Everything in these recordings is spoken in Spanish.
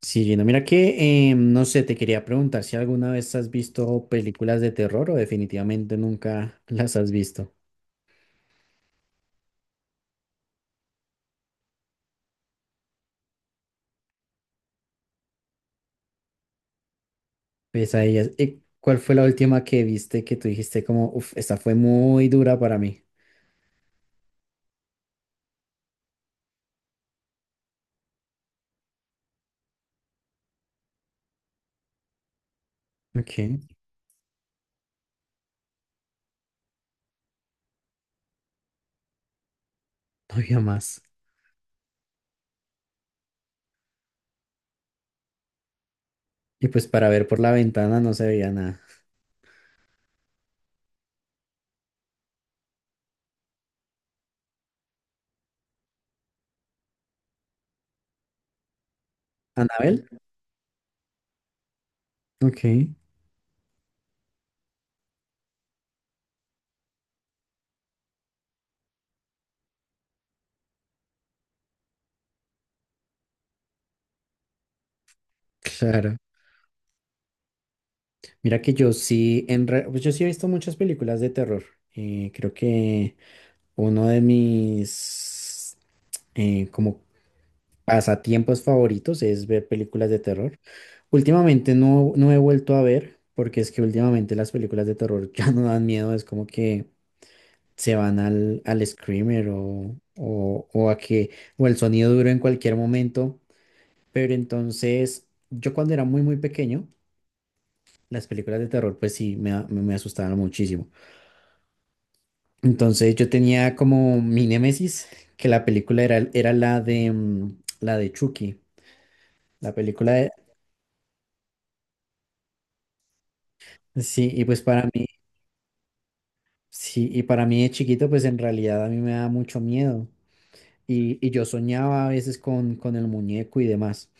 Sí, Gino, mira que, no sé, te quería preguntar si alguna vez has visto películas de terror o definitivamente nunca las has visto. Pues a ellas, ¿cuál fue la última que viste que tú dijiste como, uff, esta fue muy dura para mí? Ok, no había más. Y pues para ver por la ventana no se veía nada. ¿Anabel? Ok, claro. Mira que yo sí, pues yo sí he visto muchas películas de terror. Creo que uno de mis como pasatiempos favoritos es ver películas de terror. Últimamente no he vuelto a ver, porque es que últimamente las películas de terror ya no dan miedo, es como que se van al screamer o a que, o el sonido duro en cualquier momento. Pero entonces, yo cuando era muy, muy pequeño, las películas de terror, pues sí, me, a- me me asustaban muchísimo. Entonces yo tenía como mi némesis, que la película era la de, la de Chucky, la película de... Sí, y pues para mí. Sí, y para mí de chiquito, pues en realidad a mí me da mucho miedo. Y yo soñaba a veces con el muñeco y demás.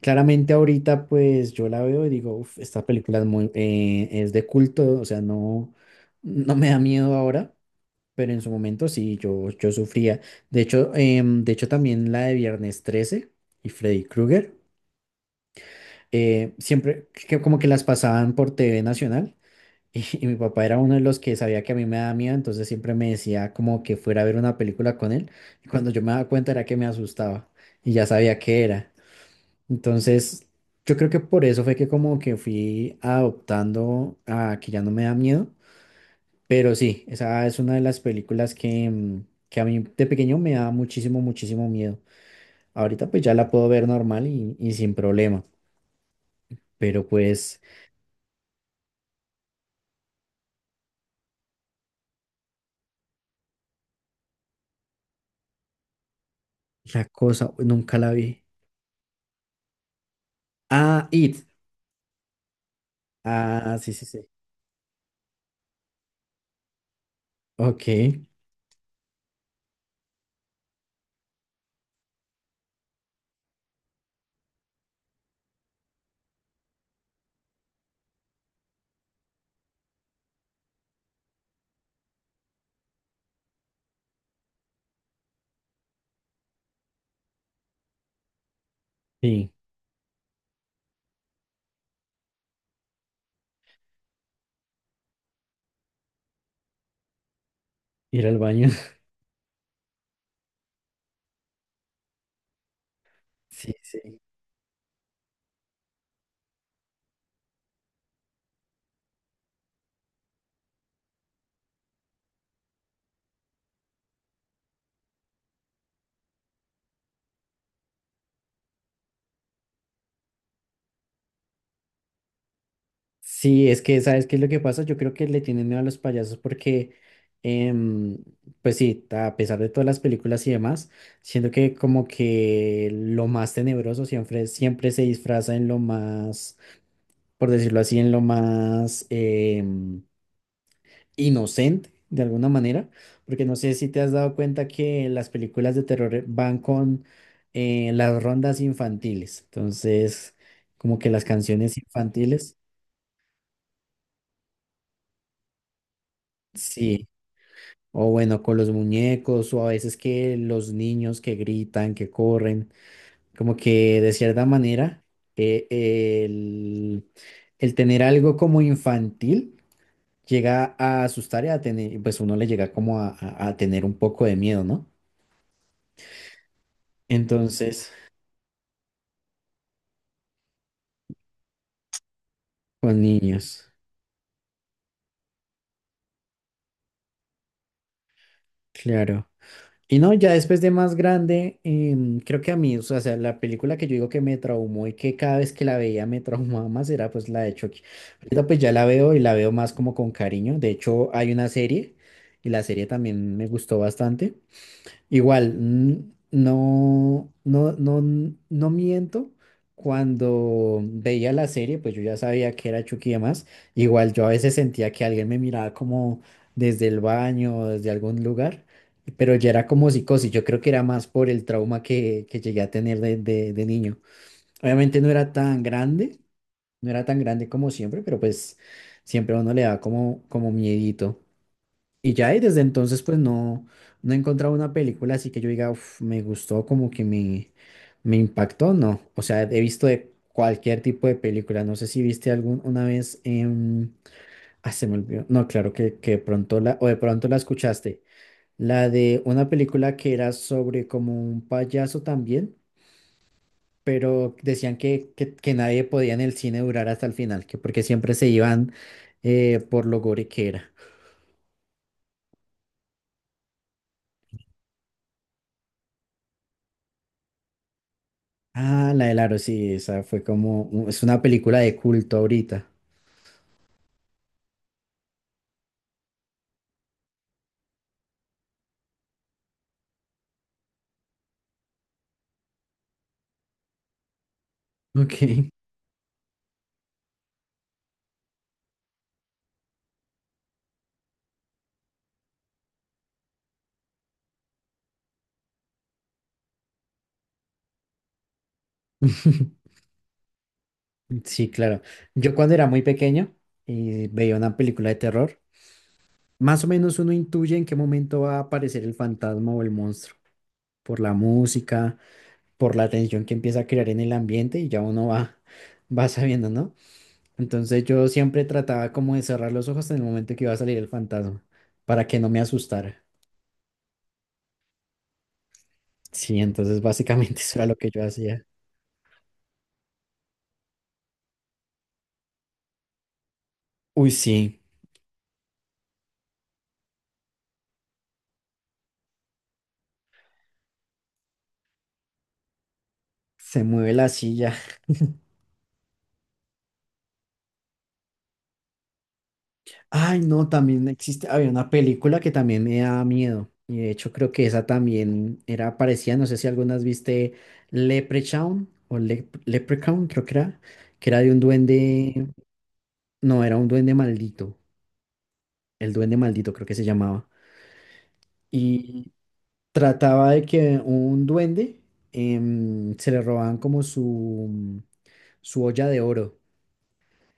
Claramente ahorita, pues yo la veo y digo, "Uf, esta película es muy, es de culto, o sea, no, no me da miedo ahora, pero en su momento sí, yo sufría. De hecho, de hecho también la de Viernes Trece y Freddy Krueger, siempre que como que las pasaban por TV Nacional. Y mi papá era uno de los que sabía que a mí me daba miedo, entonces siempre me decía como que fuera a ver una película con él. Y cuando yo me daba cuenta era que me asustaba y ya sabía qué era. Entonces, yo creo que por eso fue que como que fui adoptando a que ya no me da miedo. Pero sí, esa es una de las películas que, que a mí de pequeño me daba muchísimo, muchísimo miedo. Ahorita pues ya la puedo ver normal y sin problema. Pero pues la cosa, nunca la vi. Ah, It. Ah, sí, sí, sí. Ok, sí, ir al baño. Sí, sí. Sí, es que, ¿sabes qué es lo que pasa? Yo creo que le tienen miedo a los payasos porque, em, pues sí, a pesar de todas las películas y demás, siento que como que lo más tenebroso siempre, siempre se disfraza en lo más, por decirlo así, en lo más, inocente de alguna manera, porque no sé si te has dado cuenta que las películas de terror van con las rondas infantiles, entonces como que las canciones infantiles, sí, o bueno, con los muñecos o a veces que los niños que gritan, que corren, como que de cierta manera eh, el, el tener algo como infantil llega a asustar y a tener, pues uno le llega como a tener un poco de miedo, ¿no? Entonces, con niños, claro. Y no, ya después de más grande, creo que a mí, la película que yo digo que me traumó y que cada vez que la veía me traumaba más era pues la de Chucky. Ahorita pues ya la veo y la veo más como con cariño. De hecho, hay una serie y la serie también me gustó bastante. Igual, no miento. Cuando veía la serie, pues yo ya sabía que era Chucky y demás. Igual yo a veces sentía que alguien me miraba como desde el baño o desde algún lugar, pero ya era como psicosis. Yo creo que era más por el trauma que llegué a tener de niño. Obviamente no era tan grande, no era tan grande como siempre, pero pues siempre a uno le da como miedito. Y desde entonces, pues no, no he encontrado una película así que yo diga, "Uf, me gustó, como que me impactó, no. O sea, he visto de cualquier tipo de película. No sé si viste alguna vez, ah, se me olvidó. No, claro que de pronto la, o de pronto la escuchaste. La de una película que era sobre como un payaso también, pero decían que nadie podía en el cine durar hasta el final, que porque siempre se iban por lo gore que era. Ah, la del aro, sí, esa fue como, es una película de culto ahorita. Ok. Sí, claro. Yo cuando era muy pequeño y veía una película de terror, más o menos uno intuye en qué momento va a aparecer el fantasma o el monstruo, por la música, por la tensión que empieza a crear en el ambiente y ya uno va, va sabiendo, ¿no? Entonces yo siempre trataba como de cerrar los ojos en el momento que iba a salir el fantasma, para que no me asustara. Sí, entonces básicamente eso era lo que yo hacía. Uy, sí. Se mueve la silla. Ay, no, también existe, había una película que también me daba miedo. Y de hecho creo que esa también era parecida, no sé si algunas viste Leprechaun Leprechaun, creo que era de un duende, no, era un duende maldito, el duende maldito creo que se llamaba. Y trataba de que un duende se le robaban como su olla de oro.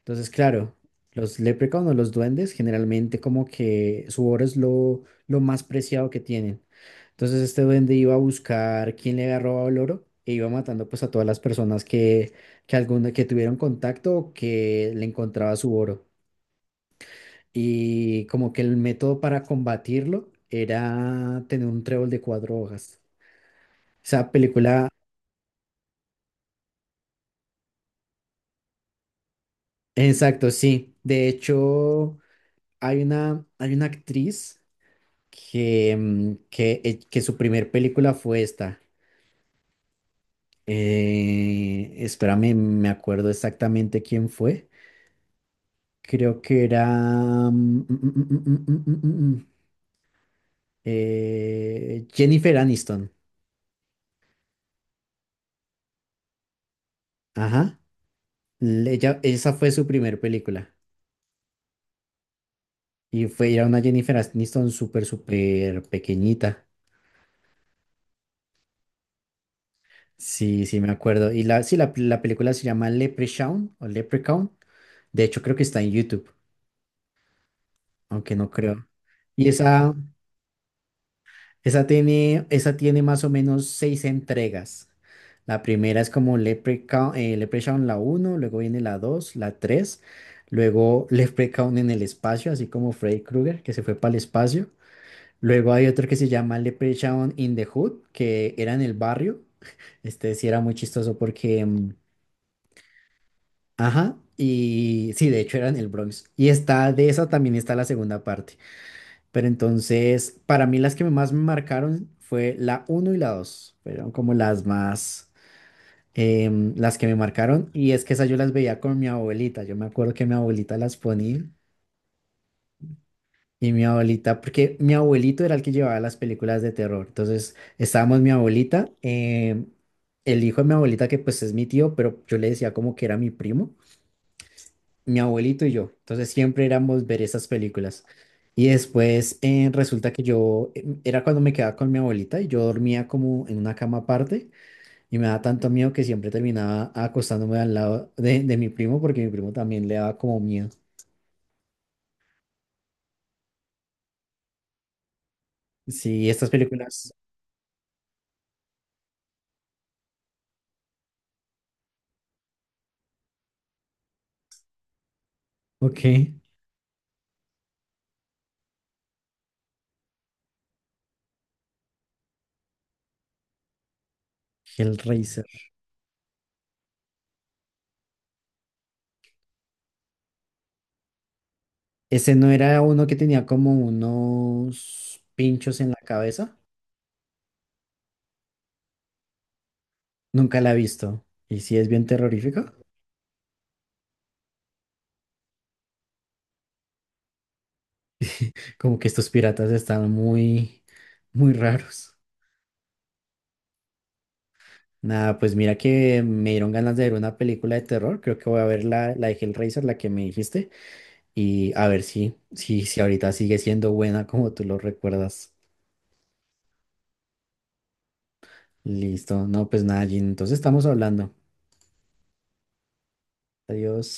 Entonces, claro, los leprechauns o los duendes generalmente como que su oro es lo más preciado que tienen. Entonces este duende iba a buscar quién le había robado el oro e iba matando pues a todas las personas que tuvieron contacto o que le encontraba su oro. Y como que el método para combatirlo era tener un trébol de cuatro hojas. Esa película, exacto, sí. De hecho, hay una actriz que su primer película fue esta. Espérame, me acuerdo exactamente quién fue. Creo que era mm, mm, mm, mm, mm, mm, mm, mm, mm, mm. Jennifer Aniston. Ajá. Ella, esa fue su primer película. Y fue, era una Jennifer Aniston súper, súper pequeñita. Sí, sí, me acuerdo. La película se llama Leprechaun o Leprechaun. De hecho, creo que está en YouTube, aunque no creo. Y esa, esa tiene más o menos seis entregas. La primera es como Leprechaun, Leprechaun la uno, luego viene la dos, la tres, luego Leprechaun en el espacio, así como Freddy Krueger, que se fue para el espacio. Luego hay otro que se llama Leprechaun in the Hood, que era en el barrio. Este sí era muy chistoso porque, ajá, y sí, de hecho era en el Bronx. Y está, de esa también está la segunda parte. Pero entonces, para mí las que más me marcaron fue la uno y la dos. Fueron como las más, las que me marcaron. Y es que esas yo las veía con mi abuelita. Yo me acuerdo que mi abuelita las ponía. Y mi abuelita, porque mi abuelito era el que llevaba las películas de terror. Entonces, estábamos mi abuelita, el hijo de mi abuelita, que pues es mi tío, pero yo le decía como que era mi primo, mi abuelito y yo. Entonces siempre éramos ver esas películas. Y después resulta que yo, era cuando me quedaba con mi abuelita y yo dormía como en una cama aparte y me daba tanto miedo que siempre terminaba acostándome al lado de mi primo porque mi primo también le daba como miedo. Sí, estas películas. Ok, Hellraiser. Ese no era uno que tenía como unos pinchos en la cabeza. Nunca la he visto. Y sí es bien terrorífica. Como que estos piratas están muy, muy raros. Nada, pues mira que me dieron ganas de ver una película de terror. Creo que voy a ver la de Hellraiser, la que me dijiste, y a ver si ahorita sigue siendo buena como tú lo recuerdas. Listo. No, pues nada, Jin. Entonces estamos hablando. Adiós.